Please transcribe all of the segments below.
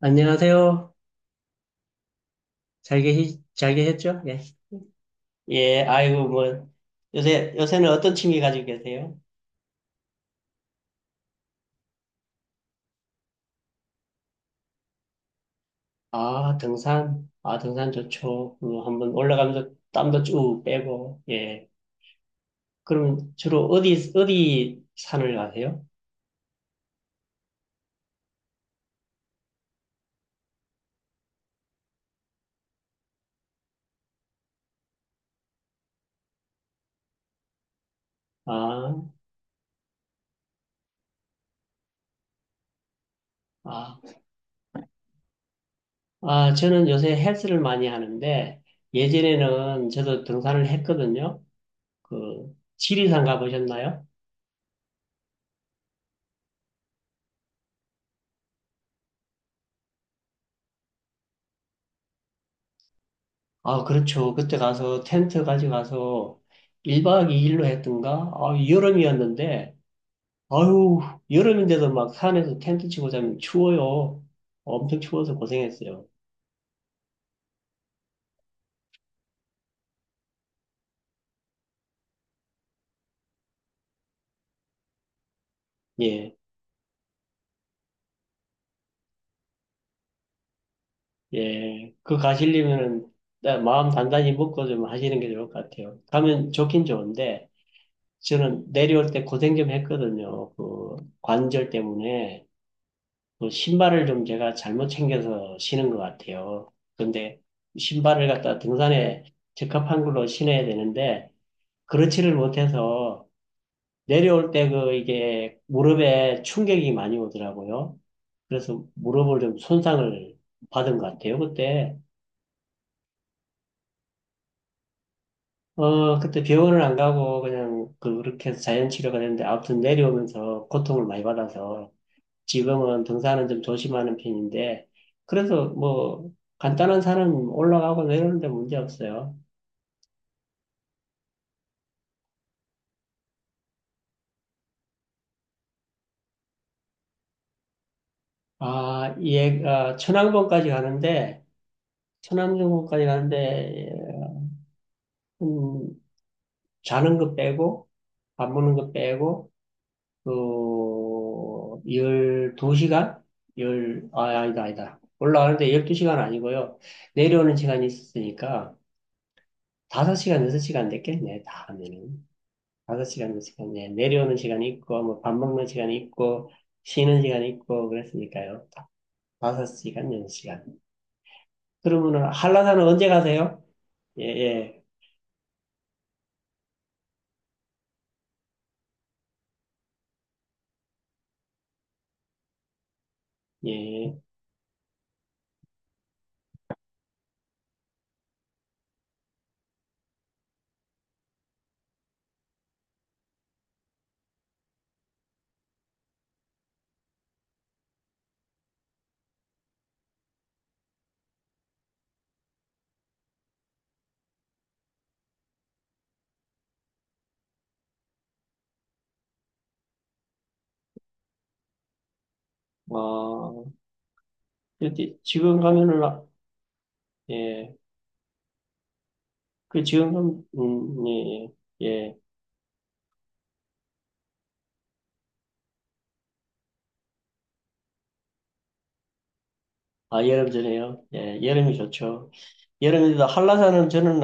안녕하세요. 잘 계셨죠? 예. 예, 아이고, 뭐, 요새는 어떤 취미 가지고 계세요? 아, 등산. 아, 등산 좋죠. 그, 한번 올라가면서 땀도 쭉 빼고, 예. 그럼 주로 어디 산을 가세요? 아, 아, 아, 저는 요새 헬스를 많이 하는데, 예전에는 저도 등산을 했거든요. 그, 지리산 가보셨나요? 아, 그렇죠. 그때 가서 텐트 가져가서 1박 2일로 했던가? 아, 여름이었는데, 아유, 여름인데도 막 산에서 텐트 치고 자면 추워요. 엄청 추워서 고생했어요. 예, 예. 그 가시려면은 마음 단단히 먹고 좀 하시는 게 좋을 것 같아요. 가면 좋긴 좋은데, 저는 내려올 때 고생 좀 했거든요. 그 관절 때문에. 그 신발을 좀 제가 잘못 챙겨서 신은 것 같아요. 근데 신발을 갖다 등산에 적합한 걸로 신어야 되는데 그렇지를 못해서 내려올 때 그 이게 무릎에 충격이 많이 오더라고요. 그래서 무릎을 좀 손상을 받은 것 같아요. 그때 어 그때 병원을 안 가고 그냥 그렇게 해서 자연 치료가 됐는데 아무튼 내려오면서 고통을 많이 받아서 지금은 등산은 좀 조심하는 편인데, 그래서 뭐, 간단한 산은 올라가고 내려오는데 문제 없어요. 아, 예, 아, 천왕봉까지 가는데, 천왕봉까지 가는데, 음, 자는 거 빼고, 밥 먹는 거 빼고, 그, 12시간? 아, 아니다, 아니다. 올라가는데 12시간 아니고요. 내려오는 시간이 있었으니까, 5시간, 6시간 됐겠네, 다 하면은. 다섯 시간, 몇 시간, 예. 내려오는 시간이 있고, 뭐, 밥 먹는 시간이 있고, 쉬는 시간이 있고, 그랬으니까요. 다- 섯 시간, 여섯 시간. 그러면은, 한라산은 언제 가세요? 예, 예, 예. 어, 일단 지금 가면은, 아, 예. 그 지금 가면, 예, 예. 예. 아, 여름 전에요? 예, 여름이 좋죠. 여름에 도 한라산은 저는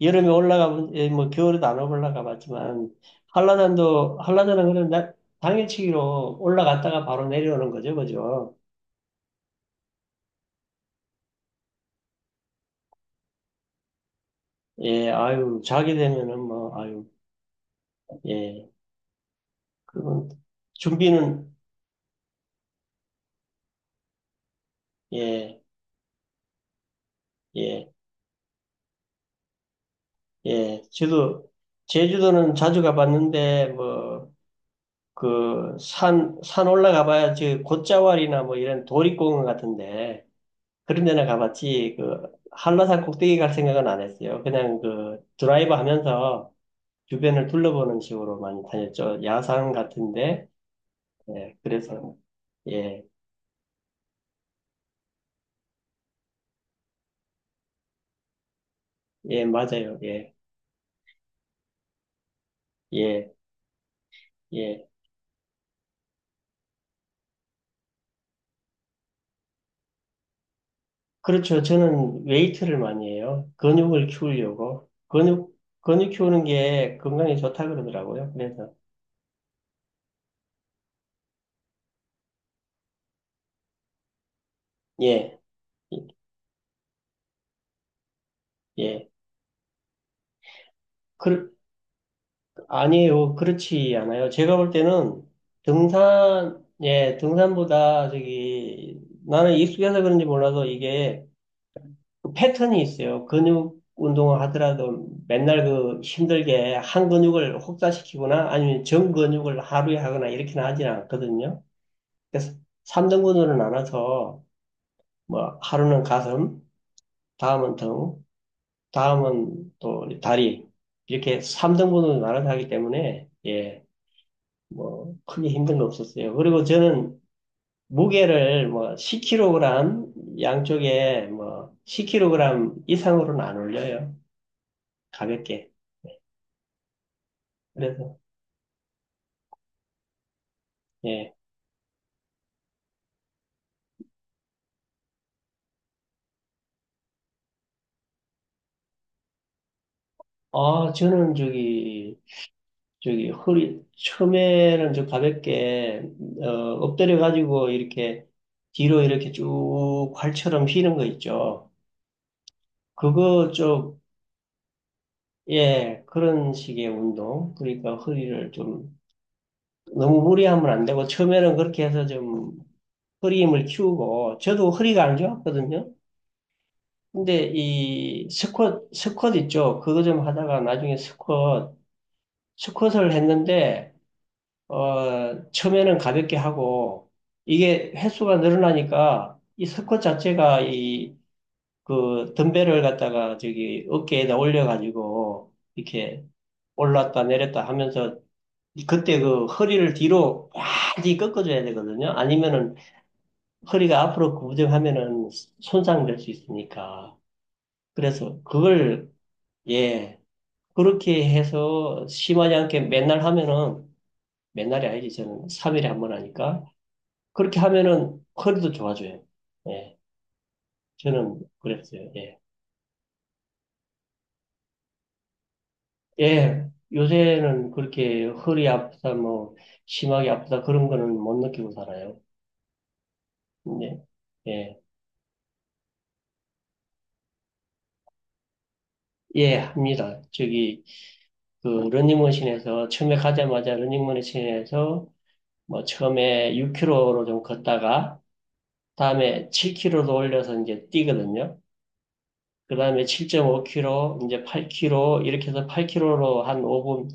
여름에 올라가면 예, 뭐 겨울에도 안 올라가 봤지만 한라산도 한라산은 그냥 당일치기로 올라갔다가 바로 내려오는 거죠, 그죠? 예, 아유 자게 되면은 뭐 아유 예 그건 준비는 예 예, 예. 저도 제주도는 자주 가봤는데 뭐 그 산 올라가봐야 지 곶자왈이나 뭐 이런 도립공원 같은데. 그런 데는 가봤지, 그, 한라산 꼭대기 갈 생각은 안 했어요. 그냥 그, 드라이브 하면서 주변을 둘러보는 식으로 많이 다녔죠. 야산 같은데, 예, 그래서, 예, 예, 맞아요. 예, 예, 예. 그렇죠. 저는 웨이트를 많이 해요. 근육을 키우려고. 근육, 근육 키우는 게 건강에 좋다 그러더라고요. 그래서, 예, 예. 그, 아니요, 에 그렇지 않아요. 제가 볼 때는 등산, 예, 등산보다 저기 나는 익숙해서 그런지 몰라도 이게 그 패턴이 있어요. 근육 운동을 하더라도 맨날 그 힘들게 한 근육을 혹사시키거나 아니면 전 근육을 하루에 하거나 이렇게는 하진 않거든요. 그래서 3등분으로 나눠서 뭐 하루는 가슴, 다음은 등, 다음은 또 다리 이렇게 3등분으로 나눠서 하기 때문에 예. 뭐 크게 힘든 거 없었어요. 그리고 저는 무게를 뭐 10kg 양쪽에 뭐 10kg 이상으로는 안 올려요. 가볍게. 그래서 예. 아, 저는 저기 허리 처음에는 저 가볍게 어, 엎드려 가지고 이렇게 뒤로 이렇게 쭉 활처럼 휘는 거 있죠. 그거 좀 예, 그런 식의 운동. 그러니까 허리를 좀 너무 무리하면 안 되고 처음에는 그렇게 해서 좀 허리 힘을 키우고 저도 허리가 안 좋았거든요. 근데 이 스쿼트 있죠. 그거 좀 하다가 나중에 스쿼트를 했는데 어 처음에는 가볍게 하고 이게 횟수가 늘어나니까 이 스쿼트 자체가 이 그 덤벨을 갖다가 저기 어깨에다 올려가지고 이렇게 올랐다 내렸다 하면서 그때 그 허리를 뒤로 많이 꺾어줘야 되거든요. 아니면은 허리가 앞으로 구부정하면은 손상될 수 있으니까. 그래서 그걸, 예, 그렇게 해서 심하지 않게 맨날 하면은, 맨날이 아니지, 저는 3일에 한 번 하니까. 그렇게 하면은 허리도 좋아져요. 예, 저는 그랬어요. 예. 예, 요새는 그렇게 허리 아프다, 뭐, 심하게 아프다, 그런 거는 못 느끼고 살아요. 네 예, 예, 합니다. 저기, 그, 러닝머신에서, 처음에 가자마자 러닝머신에서 뭐 처음에 6킬로로 좀 걷다가 다음에 7킬로로 올려서 이제 뛰거든요. 그 다음에 7 5킬로 이제 8킬로 이렇게 해서 8킬로로 한 5분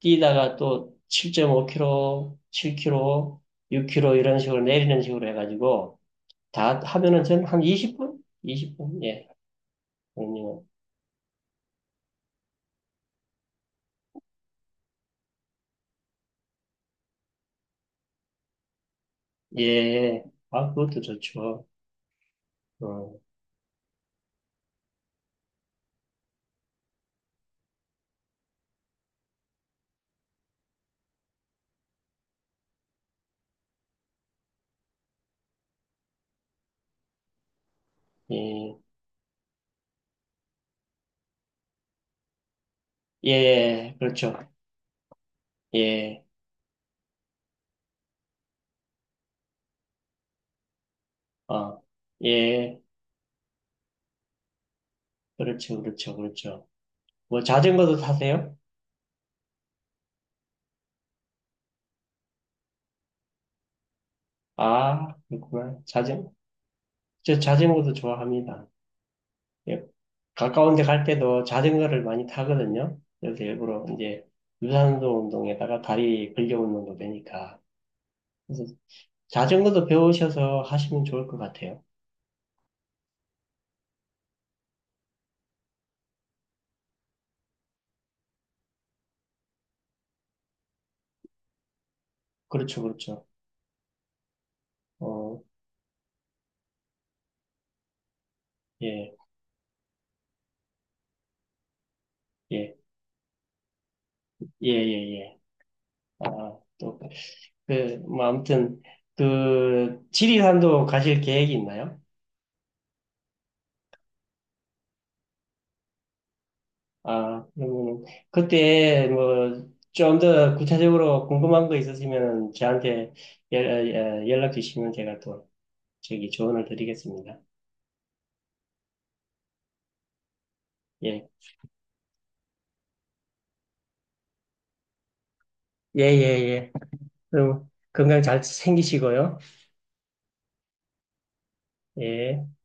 뛰다가 또 7 5킬로7킬로6킬로 이런 식으로 내리는 식으로 해가지고 다 하면은 저는 한 20분? 20분? 예. 그 예. 아, 그것도 좋죠. 어, 예. 예. 그렇죠. 예. 어. 예. 그렇죠. 그렇죠. 그렇죠. 뭐 자전거도 타세요? 아, 그렇구나. 자전, 저 자전거도 좋아합니다. 예, 가까운 데 갈 때도 자전거를 많이 타거든요. 그래서 일부러 이제 유산소 운동에다가 다리 근력 운동도 되니까. 그래서 자전거도 배우셔서 하시면 좋을 것 같아요. 그렇죠, 그렇죠. 어, 예, 예, 예, 예, 예. 아, 또, 그, 뭐, 아무튼, 그, 지리산도 가실 계획이 있나요? 아, 그때 뭐 좀 더 구체적으로 궁금한 거 있으시면 저한테 연- 어, 연락 주시면 제가 또 저기 조언을 드리겠습니다. 예, 예, 예, 예. 그럼 건강 잘 챙기시고요. 예.